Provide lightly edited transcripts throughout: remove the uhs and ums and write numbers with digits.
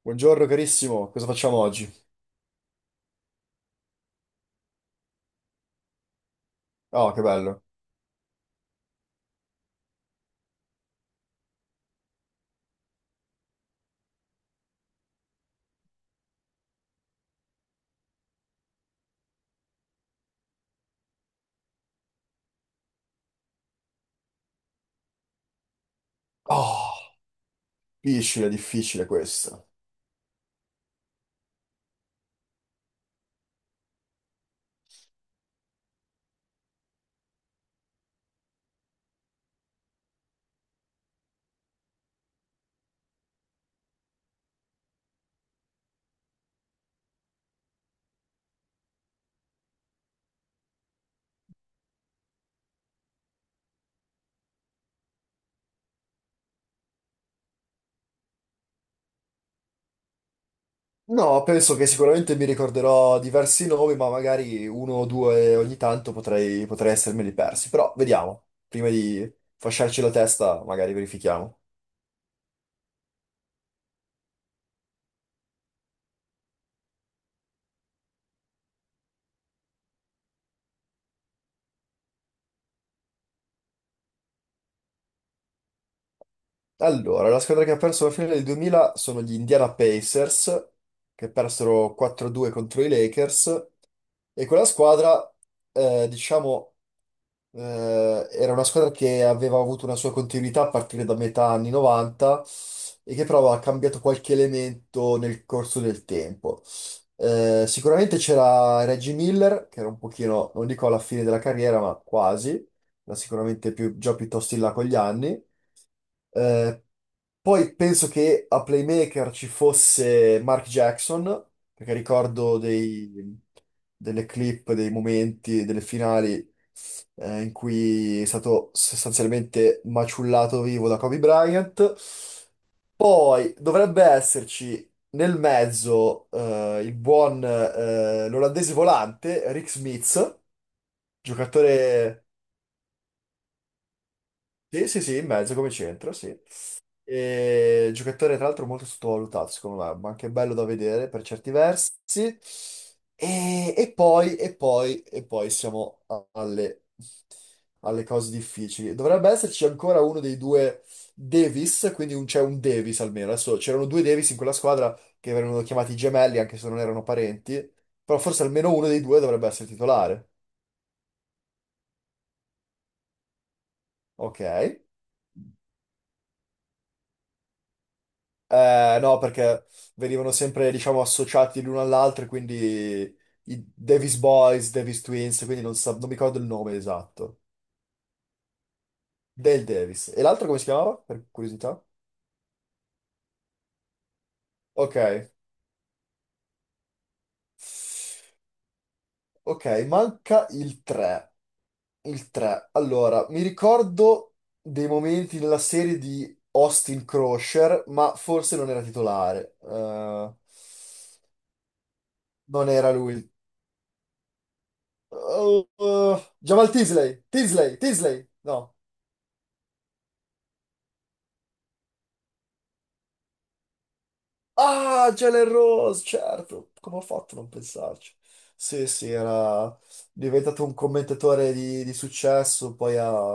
Buongiorno carissimo, cosa facciamo oggi? Oh, che bello. Oh, difficile, difficile questo. No, penso che sicuramente mi ricorderò diversi nomi, ma magari uno o due ogni tanto potrei essermeli persi. Però vediamo, prima di fasciarci la testa, magari verifichiamo. Allora, la squadra che ha perso la finale del 2000 sono gli Indiana Pacers, che persero 4-2 contro i Lakers, e quella squadra, eh, diciamo era una squadra che aveva avuto una sua continuità a partire da metà anni 90 e che però aveva cambiato qualche elemento nel corso del tempo. Sicuramente c'era Reggie Miller, che era un pochino, non dico alla fine della carriera, ma quasi, ma sicuramente già piuttosto in là con gli anni. Eh, Poi penso che a playmaker ci fosse Mark Jackson, perché ricordo delle clip, dei momenti, delle finali in cui è stato sostanzialmente maciullato vivo da Kobe Bryant. Poi dovrebbe esserci nel mezzo il buon l'olandese volante Rick Smith, giocatore... Sì, sì, sì, in mezzo come centro, sì. E giocatore tra l'altro molto sottovalutato, secondo me, ma anche bello da vedere per certi versi. E poi alle cose difficili. Dovrebbe esserci ancora uno dei due Davis, quindi c'è un Davis almeno. Adesso c'erano due Davis in quella squadra che venivano chiamati gemelli, anche se non erano parenti, però forse almeno uno dei due dovrebbe essere titolare. Ok. No, perché venivano sempre, diciamo, associati l'uno all'altro, quindi i Davis Boys, Davis Twins, quindi non mi ricordo il nome esatto. Del Davis. E l'altro come si chiamava? Per curiosità. Ok. Ok, manca il 3. Il 3. Allora, mi ricordo dei momenti nella serie di Austin Crusher, ma forse non era titolare. Non era lui. Jamal Tisley! Tisley! Tisley! No. Ah, Jalen Rose, certo. Come ho fatto a non pensarci? Sì, sì, era diventato un commentatore di successo, poi ha-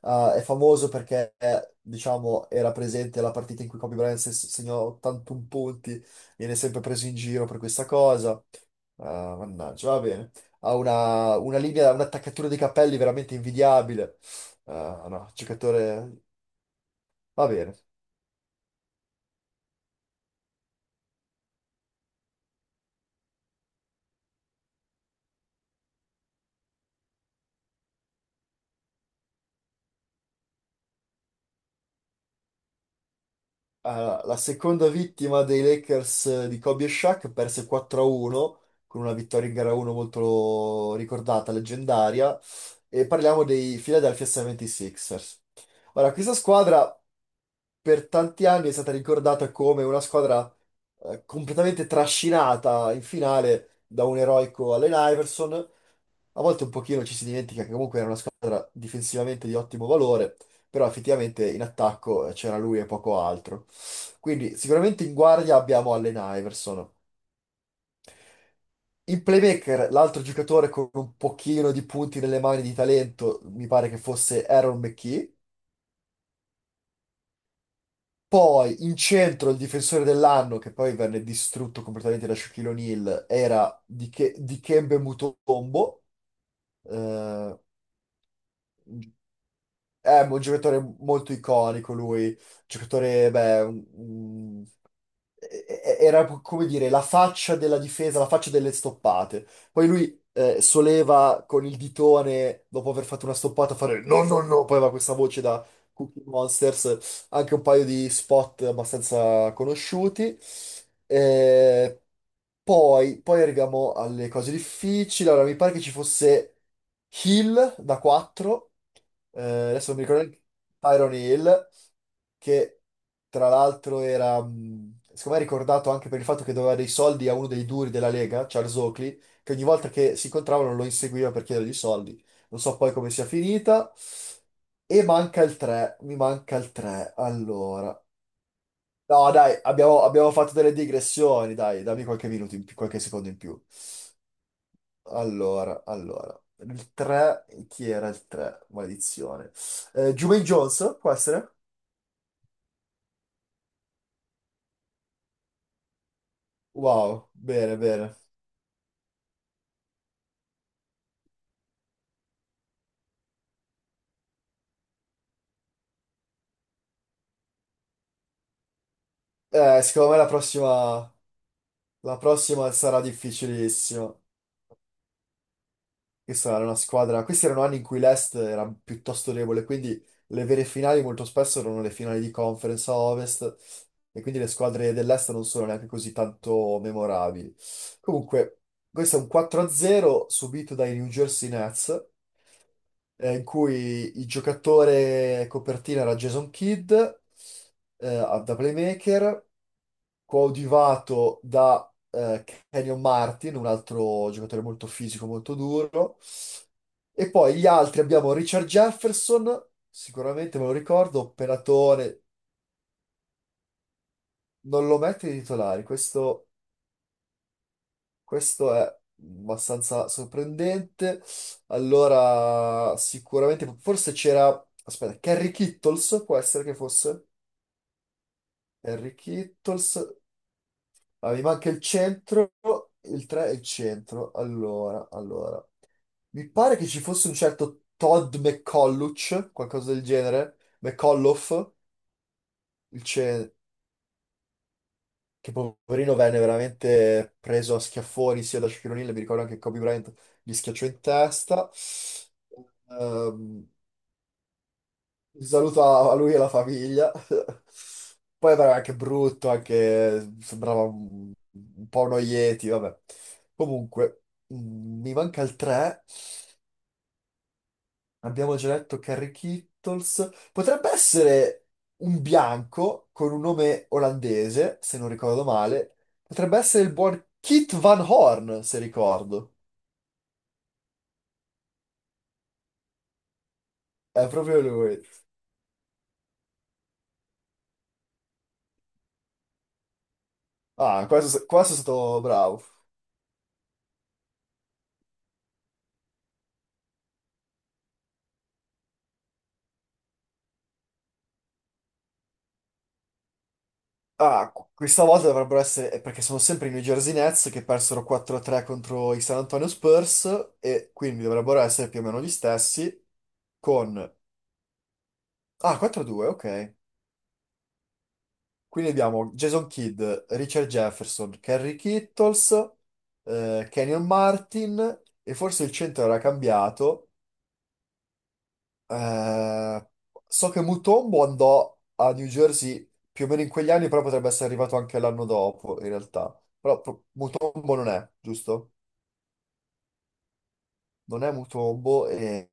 ha- è famoso perché, diciamo, era presente alla partita in cui Kobe Bryant segnò 81 punti, viene sempre preso in giro per questa cosa. Ah, mannaggia, va bene. Ha una linea, un'attaccatura dei capelli veramente invidiabile. Ah, no, giocatore... Va bene. Allora, la seconda vittima dei Lakers di Kobe e Shaq perse 4-1 con una vittoria in gara 1 molto ricordata, leggendaria. E parliamo dei Philadelphia 76ers. Ora, questa squadra per tanti anni è stata ricordata come una squadra completamente trascinata in finale da un eroico Allen Iverson. A volte un pochino ci si dimentica che comunque era una squadra difensivamente di ottimo valore, però effettivamente in attacco c'era lui e poco altro. Quindi sicuramente in guardia abbiamo Allen Iverson. In playmaker, l'altro giocatore con un pochino di punti nelle mani di talento, mi pare che fosse Aaron McKee. Poi in centro il difensore dell'anno, che poi venne distrutto completamente da Shaquille O'Neal, era Dikembe Mutombo. Eh, È un giocatore molto iconico lui, giocatore, beh, era come dire la faccia della difesa, la faccia delle stoppate. Poi lui soleva con il ditone, dopo aver fatto una stoppata, fare no, no, no, poi aveva questa voce da Cookie Monsters, anche un paio di spot abbastanza conosciuti. Eh, poi arriviamo alle cose difficili, allora mi pare che ci fosse Hill da 4 eh, adesso non mi ricordo neanche, Tyron Hill, che tra l'altro era, secondo me, ricordato anche per il fatto che doveva dei soldi a uno dei duri della Lega, Charles Oakley, che ogni volta che si incontravano lo inseguiva per chiedergli i soldi. Non so poi come sia finita. E manca il 3, mi manca il 3, allora. No, dai, abbiamo fatto delle digressioni, dai, dammi qualche minuto in più, qualche secondo in più. Allora, il 3, chi era il 3? Maledizione. Jumaine Johnson, può essere? Wow, bene, bene. Secondo me la prossima sarà difficilissima. Questa era una squadra. Questi erano anni in cui l'Est era piuttosto debole, quindi le vere finali molto spesso erano le finali di conference a Ovest, e quindi le squadre dell'Est non sono neanche così tanto memorabili. Comunque, questo è un 4-0 subito dai New Jersey Nets. In cui il giocatore copertina era Jason Kidd, da playmaker, coadiuvato da Kenyon Martin, un altro giocatore molto fisico, molto duro. E poi gli altri abbiamo Richard Jefferson, sicuramente me lo ricordo, Penatone, non lo mette nei titolari, questo è abbastanza sorprendente. Allora, sicuramente, forse c'era... Aspetta, Kerry Kittles può essere che fosse? Henry Kittles. Ah, mi manca il centro, il 3 e il centro. Allora. Mi pare che ci fosse un certo Todd McColluch, qualcosa del genere. McCollough, il ce- che poverino venne veramente preso a schiaffoni sia da Shaquille O'Neal, mi ricordo anche che Kobe Bryant gli schiacciò in testa. Ehm, Un saluto a lui e alla famiglia. Poi era anche brutto, anche sembrava un po' uno Yeti, vabbè. Comunque, mi manca il 3. Abbiamo già detto Kerry Kittles. Potrebbe essere un bianco con un nome olandese, se non ricordo male. Potrebbe essere il buon Kit Van Horn, se ricordo. È proprio lui. Ah, qua sono stato bravo. Ah, questa volta dovrebbero essere, perché sono sempre i New Jersey Nets che persero 4-3 contro i San Antonio Spurs e quindi dovrebbero essere più o meno gli stessi con... Ah, 4-2, ok. Quindi abbiamo Jason Kidd, Richard Jefferson, Kerry Kittles, Kenyon Martin e forse il centro era cambiato. Eh, so che Mutombo andò a New Jersey più o meno in quegli anni, però potrebbe essere arrivato anche l'anno dopo, in realtà. Però Mutombo non è, giusto? Non è Mutombo e